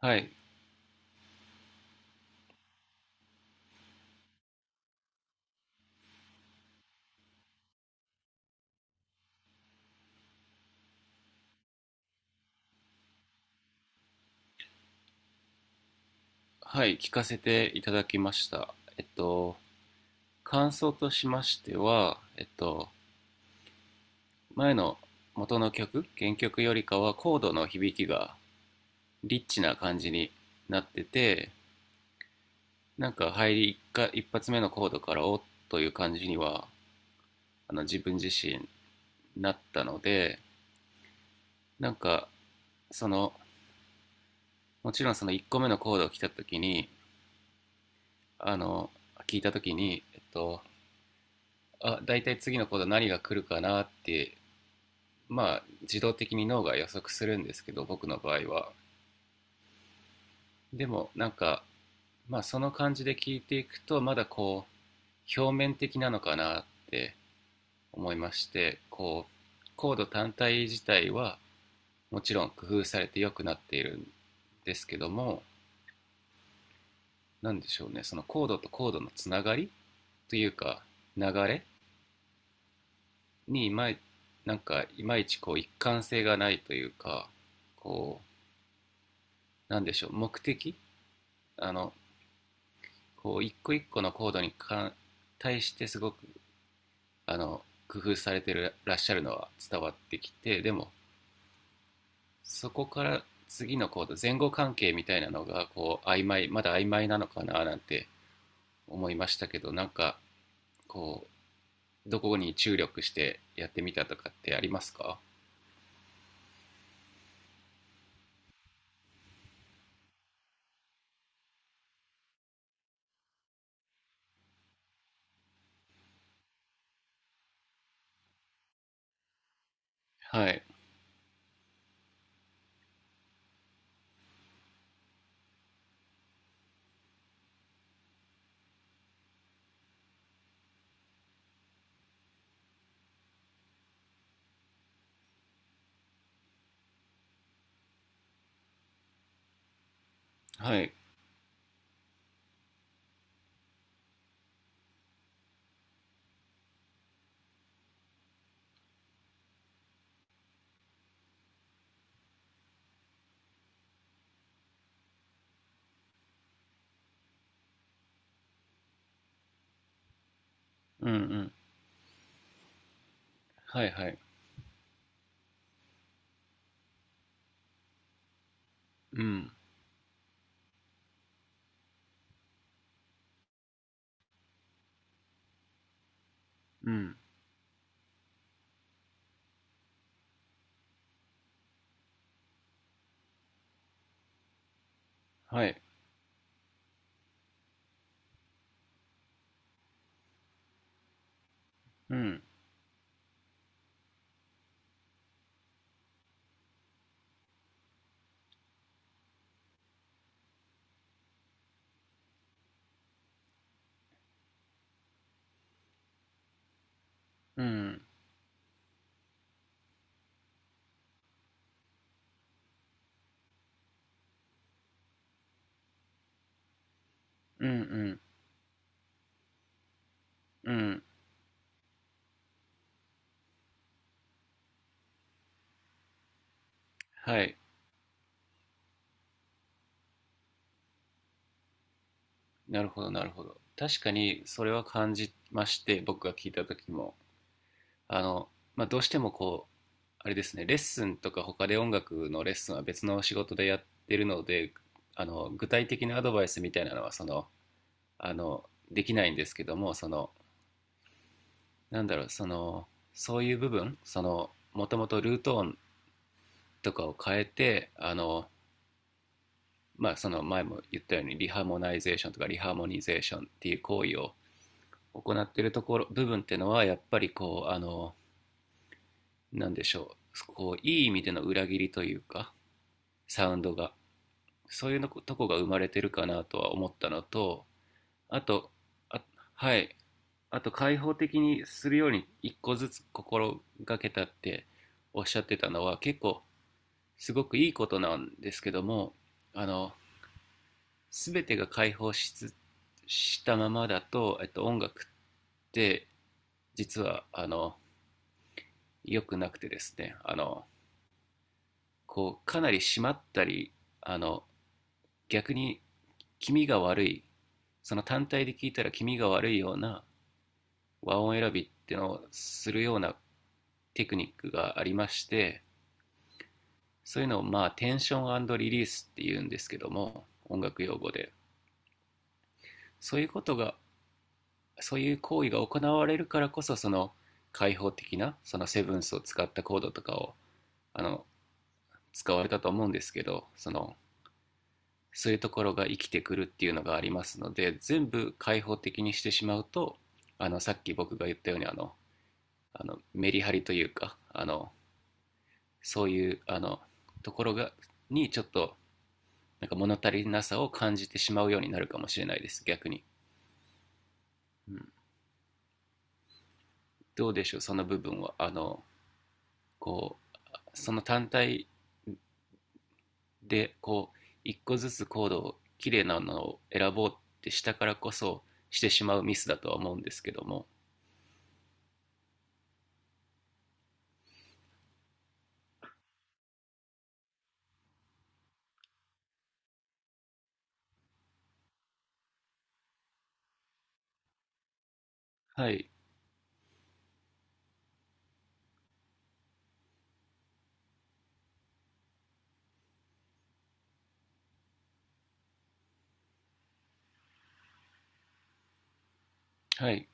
はい、はい、聞かせていただきました。感想としましては、前の元の曲、原曲よりかはコードの響きがリッチな感じになってて、なんか入り一か一発目のコードからおっという感じには、あの自分自身なったので、なんかその、もちろんその1個目のコードを来た時に、あの、聞いた時に、あ、大体次のコード何が来るかなって、まあ自動的に脳が予測するんですけど、僕の場合は。でもなんか、まあその感じで聞いていくと、まだこう表面的なのかなって思いまして、こうコード単体自体はもちろん工夫されて良くなっているんですけども、何でしょうね、そのコードとコードのつながりというか流れに、いまいなんかいまいちこう一貫性がないというか、こなんでしょう、目的、あの、こう一個一個のコードに対してすごく、あの工夫されてらっしゃるのは伝わってきて、でもそこから次のコード、前後関係みたいなのがこうまだ曖昧なのかななんて思いましたけど、なんかこうどこに注力してやってみたとかってありますか？はい、はい、うん、うん、はい、はい、うん、うん、はい、うん、うん、うん、うん、うん、はい。なるほど、なるほど。確かにそれは感じまして、僕が聞いた時も、あの、まあ、どうしてもこう、あれですね、レッスンとか他で音楽のレッスンは別の仕事でやってるので、具体的なアドバイスみたいなのは、その、あの、できないんですけども、その、なんだろう、その、そういう部分、その、もともとルート音とかを変えて、まあ、その前も言ったようにリハモナイゼーションとかリハーモニゼーションっていう行為を行ってるところっていうのは、やっぱりこう、あの、なんでしょうこういい意味での裏切りというかサウンドが、そういうのことこが生まれてるかなとは思ったのと、あと、あ、はい、あと、開放的にするように一個ずつ心がけたっておっしゃってたのは、結構すごくいいことなんですけども、あの全てが開放しつしたままだと、音楽って実は、あの良くなくてですね、あのこうかなり締まったり、あの逆に気味が悪い、その単体で聞いたら気味が悪いような和音選びっていうのをするようなテクニックがありまして、そういうのをまあテンションリリースっていうんですけども、音楽用語で。そういうことが、そういう行為が行われるからこそ、その開放的なそのセブンスを使ったコードとかを、あの使われたと思うんですけど、その、そういうところが生きてくるっていうのがありますので、全部開放的にしてしまうと、あのさっき僕が言ったように、あのメリハリというか、あのそういう、あのところがちょっとなんか物足りなさを感じてしまうようになるかもしれないです、逆に。うん、どうでしょう、その部分は、あのこうその単体でこう一個ずつコードを綺麗なのを選ぼうってしたからこそしてしまうミスだとは思うんですけども。はい、はい、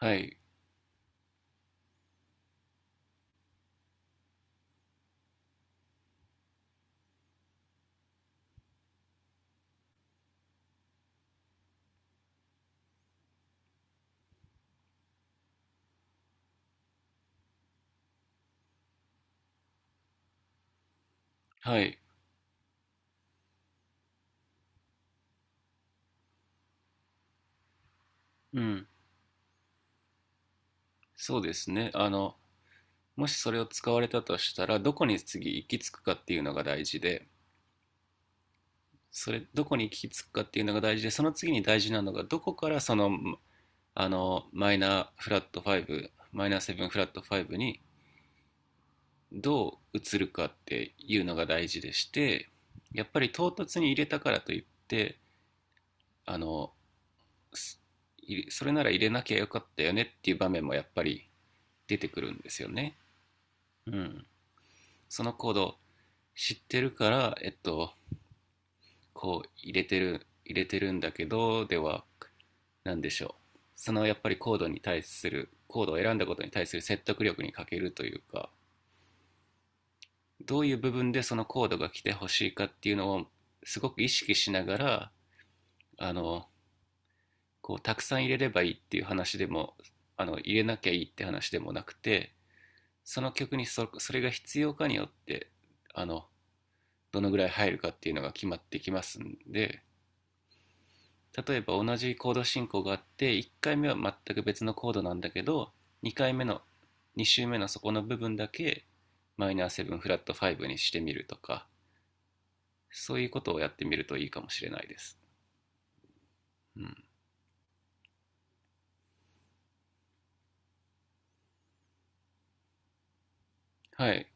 はい、はい。うん。そうですね。あの、もしそれを使われたとしたら、どこに次行き着くかっていうのが大事で、それ、どこに行き着くかっていうのが大事で、その次に大事なのが、どこからその、あの、マイナーフラット5、マイナーセブンフラットファイブにどう移るかっていうのが大事でして、やっぱり唐突に入れたからといって、あの、すそれなら入れなきゃよかったよねっていう場面もやっぱり出てくるんですよね。うん。その行動、知ってるから、こう入れてるんだけど、では、なんでしょう。そのやっぱりコードに対する、コードを選んだことに対する説得力に欠けるというか、どういう部分でそのコードが来てほしいかっていうのをすごく意識しながら、あの、こうたくさん入れればいいっていう話でも、あの、入れなきゃいいって話でもなくて、その曲にそれが必要かによって、あの、どのぐらい入るかっていうのが決まってきますんで、例えば同じコード進行があって、1回目は全く別のコードなんだけど、2回目の2周目のそこの部分だけマイナー7フラット5にしてみるとか、そういうことをやってみるといいかもしれないです。うん、はい、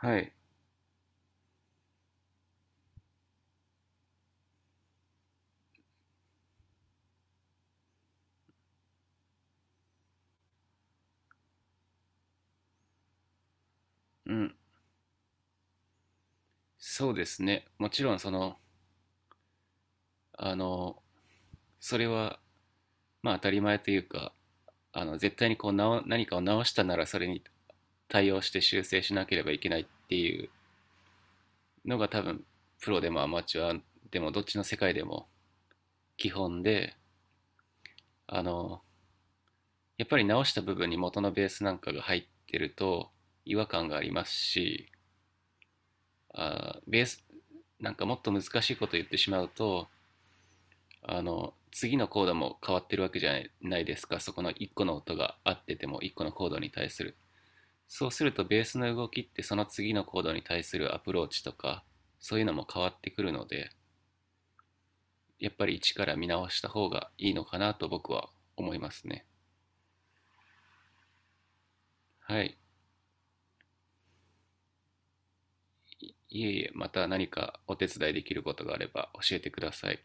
はい、うん。そうですね、もちろんその、あのそれはまあ当たり前というか、あの絶対にこう何かを直したならそれに対応して修正しなければいけないっていうのが、多分プロでもアマチュアでもどっちの世界でも基本で、あのやっぱり直した部分に元のベースなんかが入ってると違和感がありますし、あーベースなんかもっと難しいこと言ってしまうと、あの次のコードも変わってるわけじゃないですか、そこの1個の音が合ってても1個のコードに対する、そうするとベースの動きって、その次のコードに対するアプローチとかそういうのも変わってくるので、やっぱり一から見直した方がいいのかなと僕は思いますね。はい。いいえ、いえ、また何かお手伝いできることがあれば教えてください。